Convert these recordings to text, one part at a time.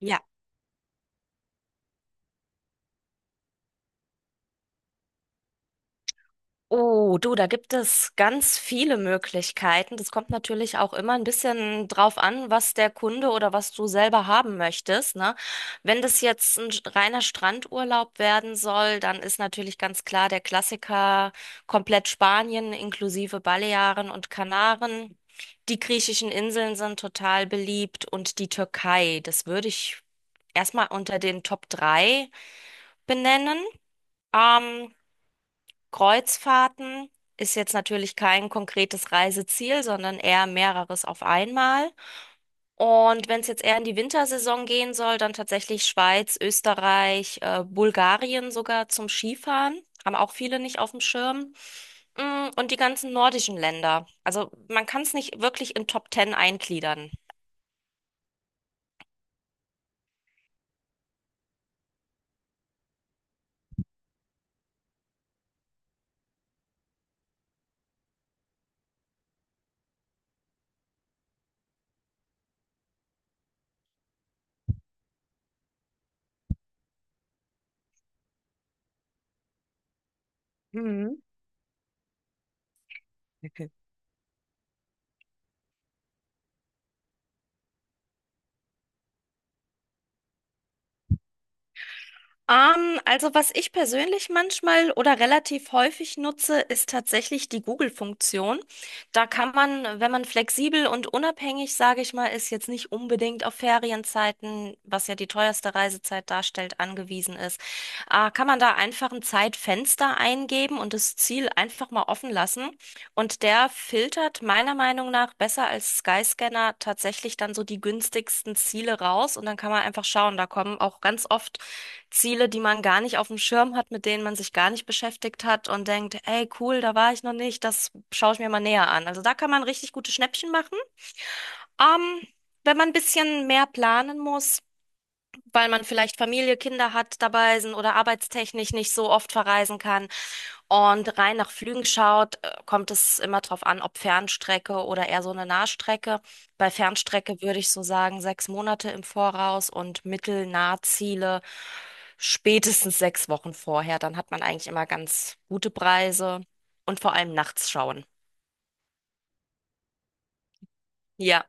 Ja. Oh, du, da gibt es ganz viele Möglichkeiten. Das kommt natürlich auch immer ein bisschen drauf an, was der Kunde oder was du selber haben möchtest, ne? Wenn das jetzt ein reiner Strandurlaub werden soll, dann ist natürlich ganz klar der Klassiker komplett Spanien inklusive Balearen und Kanaren. Die griechischen Inseln sind total beliebt und die Türkei, das würde ich erstmal unter den Top 3 benennen. Ähm, Kreuzfahrten ist jetzt natürlich kein konkretes Reiseziel, sondern eher mehreres auf einmal. Und wenn es jetzt eher in die Wintersaison gehen soll, dann tatsächlich Schweiz, Österreich, Bulgarien sogar zum Skifahren. Haben auch viele nicht auf dem Schirm. Und die ganzen nordischen Länder. Also man kann es nicht wirklich in Top Ten eingliedern. Also was ich persönlich manchmal oder relativ häufig nutze, ist tatsächlich die Google-Funktion. Da kann man, wenn man flexibel und unabhängig, sage ich mal, ist jetzt nicht unbedingt auf Ferienzeiten, was ja die teuerste Reisezeit darstellt, angewiesen ist, kann man da einfach ein Zeitfenster eingeben und das Ziel einfach mal offen lassen. Und der filtert meiner Meinung nach besser als Skyscanner tatsächlich dann so die günstigsten Ziele raus. Und dann kann man einfach schauen, da kommen auch ganz oft Ziele, die man gar nicht auf dem Schirm hat, mit denen man sich gar nicht beschäftigt hat und denkt, ey, cool, da war ich noch nicht, das schaue ich mir mal näher an. Also da kann man richtig gute Schnäppchen machen. Ähm, wenn man ein bisschen mehr planen muss, weil man vielleicht Familie, Kinder hat dabei sind oder arbeitstechnisch nicht so oft verreisen kann, und rein nach Flügen schaut, kommt es immer drauf an, ob Fernstrecke oder eher so eine Nahstrecke. Bei Fernstrecke würde ich so sagen, 6 Monate im Voraus und Mittel-Nahziele spätestens 6 Wochen vorher. Dann hat man eigentlich immer ganz gute Preise und vor allem nachts schauen. Ja.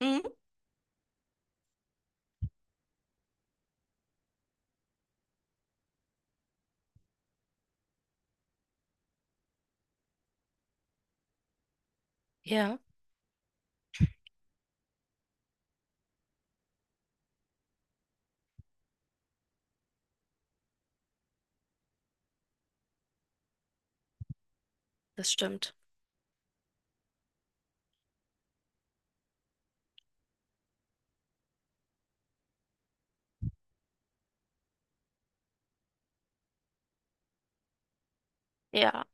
Mhm. Ja, das stimmt. Ja.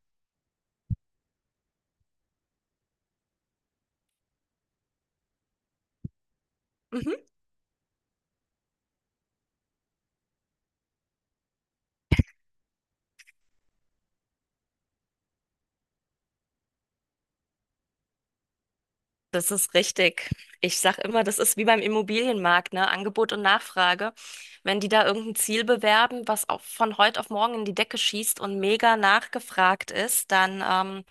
Mhm. Das ist richtig. Ich sag immer, das ist wie beim Immobilienmarkt, ne? Angebot und Nachfrage. Wenn die da irgendein Ziel bewerben, was auch von heute auf morgen in die Decke schießt und mega nachgefragt ist, dann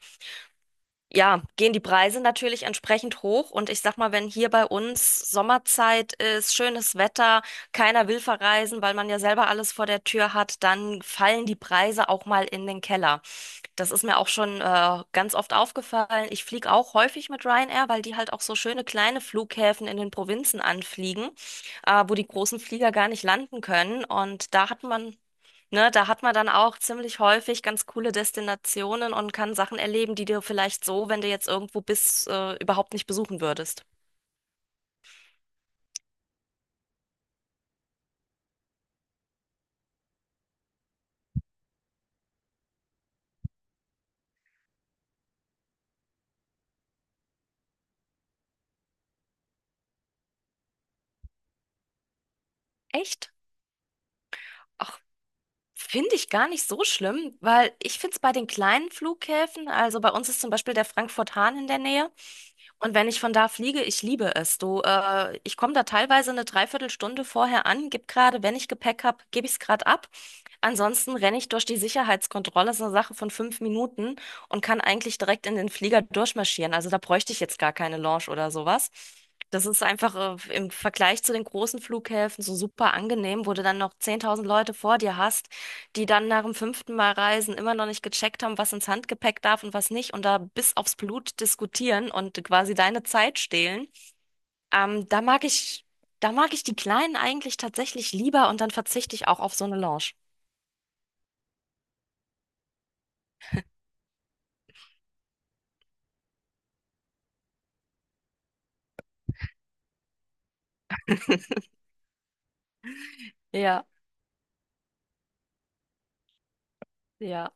ja, gehen die Preise natürlich entsprechend hoch. Und ich sag mal, wenn hier bei uns Sommerzeit ist, schönes Wetter, keiner will verreisen, weil man ja selber alles vor der Tür hat, dann fallen die Preise auch mal in den Keller. Das ist mir auch schon ganz oft aufgefallen. Ich fliege auch häufig mit Ryanair, weil die halt auch so schöne kleine Flughäfen in den Provinzen anfliegen, wo die großen Flieger gar nicht landen können. Und da hat man dann auch ziemlich häufig ganz coole Destinationen und kann Sachen erleben, die du vielleicht so, wenn du jetzt irgendwo bist, überhaupt nicht besuchen würdest. Echt? Finde ich gar nicht so schlimm, weil ich finde es bei den kleinen Flughäfen, also bei uns ist zum Beispiel der Frankfurt-Hahn in der Nähe. Und wenn ich von da fliege, ich liebe es. Du, ich komme da teilweise eine Dreiviertelstunde vorher an, gib gerade, wenn ich Gepäck habe, gebe ich es gerade ab. Ansonsten renne ich durch die Sicherheitskontrolle, ist eine Sache von 5 Minuten und kann eigentlich direkt in den Flieger durchmarschieren. Also da bräuchte ich jetzt gar keine Lounge oder sowas. Das ist einfach, im Vergleich zu den großen Flughäfen so super angenehm, wo du dann noch 10.000 Leute vor dir hast, die dann nach dem fünften Mal Reisen immer noch nicht gecheckt haben, was ins Handgepäck darf und was nicht und da bis aufs Blut diskutieren und quasi deine Zeit stehlen. Ähm, da mag ich, da mag ich die Kleinen eigentlich tatsächlich lieber und dann verzichte ich auch auf so eine Lounge. Ja, ja,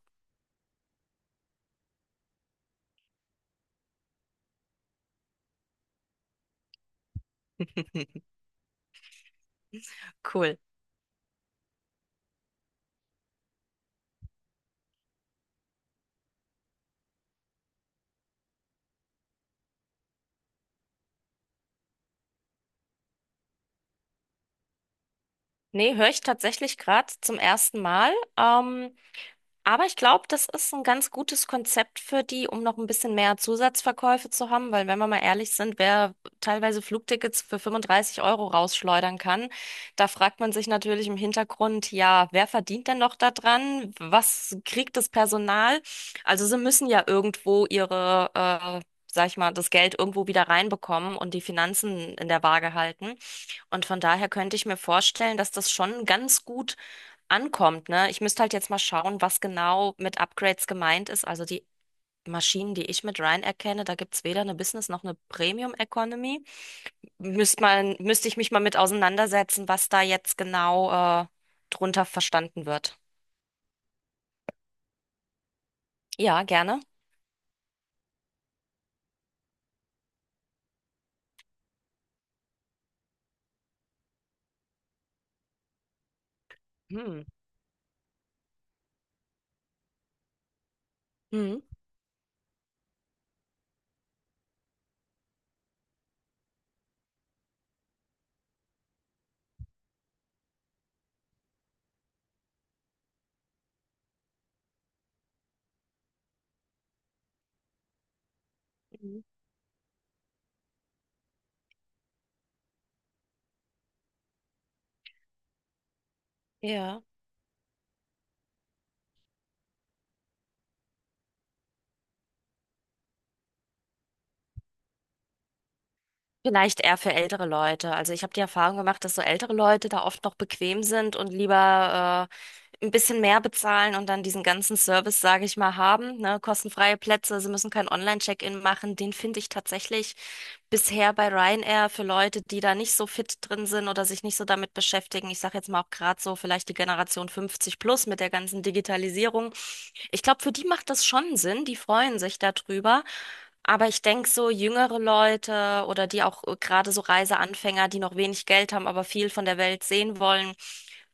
cool. Nee, höre ich tatsächlich gerade zum ersten Mal. Aber ich glaube, das ist ein ganz gutes Konzept für die, um noch ein bisschen mehr Zusatzverkäufe zu haben, weil wenn wir mal ehrlich sind, wer teilweise Flugtickets für 35 € rausschleudern kann, da fragt man sich natürlich im Hintergrund, ja, wer verdient denn noch daran? Was kriegt das Personal? Also sie müssen ja irgendwo ihre, sag ich mal, das Geld irgendwo wieder reinbekommen und die Finanzen in der Waage halten. Und von daher könnte ich mir vorstellen, dass das schon ganz gut ankommt, ne? Ich müsste halt jetzt mal schauen, was genau mit Upgrades gemeint ist. Also die Maschinen, die ich mit Ryan erkenne, da gibt's weder eine Business noch eine Premium Economy. Müsste man, müsste ich mich mal mit auseinandersetzen, was da jetzt genau drunter verstanden wird. Ja, gerne. Hm. Mhm. Mhm. Ja. Vielleicht eher für ältere Leute. Also ich habe die Erfahrung gemacht, dass so ältere Leute da oft noch bequem sind und lieber ein bisschen mehr bezahlen und dann diesen ganzen Service, sage ich mal, haben. Ne? Kostenfreie Plätze, sie müssen kein Online-Check-in machen. Den finde ich tatsächlich bisher bei Ryanair für Leute, die da nicht so fit drin sind oder sich nicht so damit beschäftigen. Ich sage jetzt mal auch gerade so vielleicht die Generation 50 plus mit der ganzen Digitalisierung. Ich glaube, für die macht das schon Sinn. Die freuen sich darüber. Aber ich denke, so jüngere Leute oder die auch gerade so Reiseanfänger, die noch wenig Geld haben, aber viel von der Welt sehen wollen,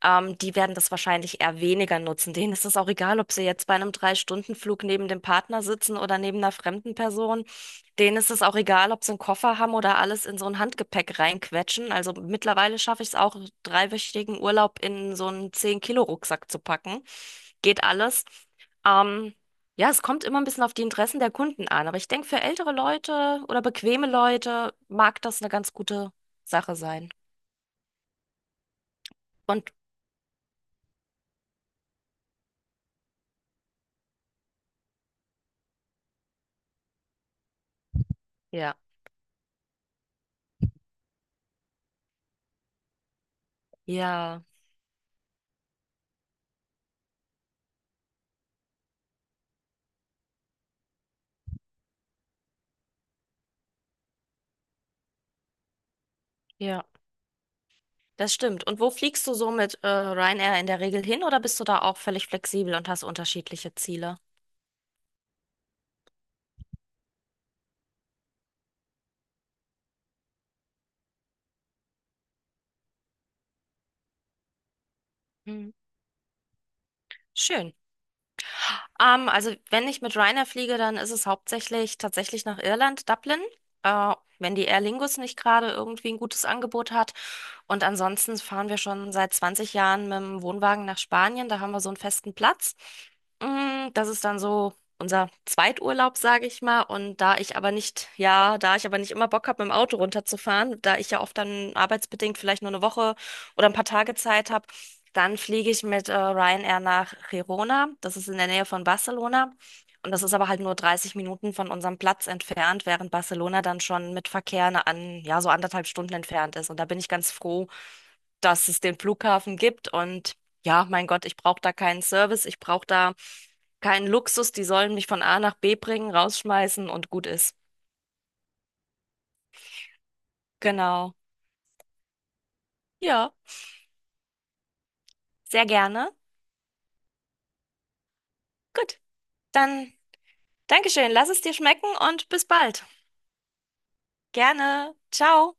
die werden das wahrscheinlich eher weniger nutzen. Denen ist es auch egal, ob sie jetzt bei einem 3-Stunden-Flug neben dem Partner sitzen oder neben einer fremden Person. Denen ist es auch egal, ob sie einen Koffer haben oder alles in so ein Handgepäck reinquetschen. Also mittlerweile schaffe ich es auch, dreiwöchigen Urlaub in so einen 10 Kilo rucksack zu packen. Geht alles. Ähm, ja, es kommt immer ein bisschen auf die Interessen der Kunden an, aber ich denke, für ältere Leute oder bequeme Leute mag das eine ganz gute Sache sein. Und ja, ja, ja, das stimmt. Und wo fliegst du so mit Ryanair in der Regel hin oder bist du da auch völlig flexibel und hast unterschiedliche Ziele? Hm. Schön. Also wenn ich mit Ryanair fliege, dann ist es hauptsächlich tatsächlich nach Irland, Dublin. Wenn die Aer Lingus nicht gerade irgendwie ein gutes Angebot hat. Und ansonsten fahren wir schon seit 20 Jahren mit dem Wohnwagen nach Spanien. Da haben wir so einen festen Platz. Das ist dann so unser Zweiturlaub, sage ich mal. Und da ich aber nicht, ja, da ich aber nicht immer Bock habe, mit dem Auto runterzufahren, da ich ja oft dann arbeitsbedingt vielleicht nur eine Woche oder ein paar Tage Zeit habe, dann fliege ich mit Ryanair nach Girona. Das ist in der Nähe von Barcelona. Und das ist aber halt nur 30 Minuten von unserem Platz entfernt, während Barcelona dann schon mit Verkehr an, ja, so anderthalb Stunden entfernt ist. Und da bin ich ganz froh, dass es den Flughafen gibt. Und ja, mein Gott, ich brauche da keinen Service, ich brauche da keinen Luxus. Die sollen mich von A nach B bringen, rausschmeißen und gut ist. Genau. Ja, sehr gerne. Gut, dann Dankeschön. Lass es dir schmecken und bis bald. Gerne. Ciao.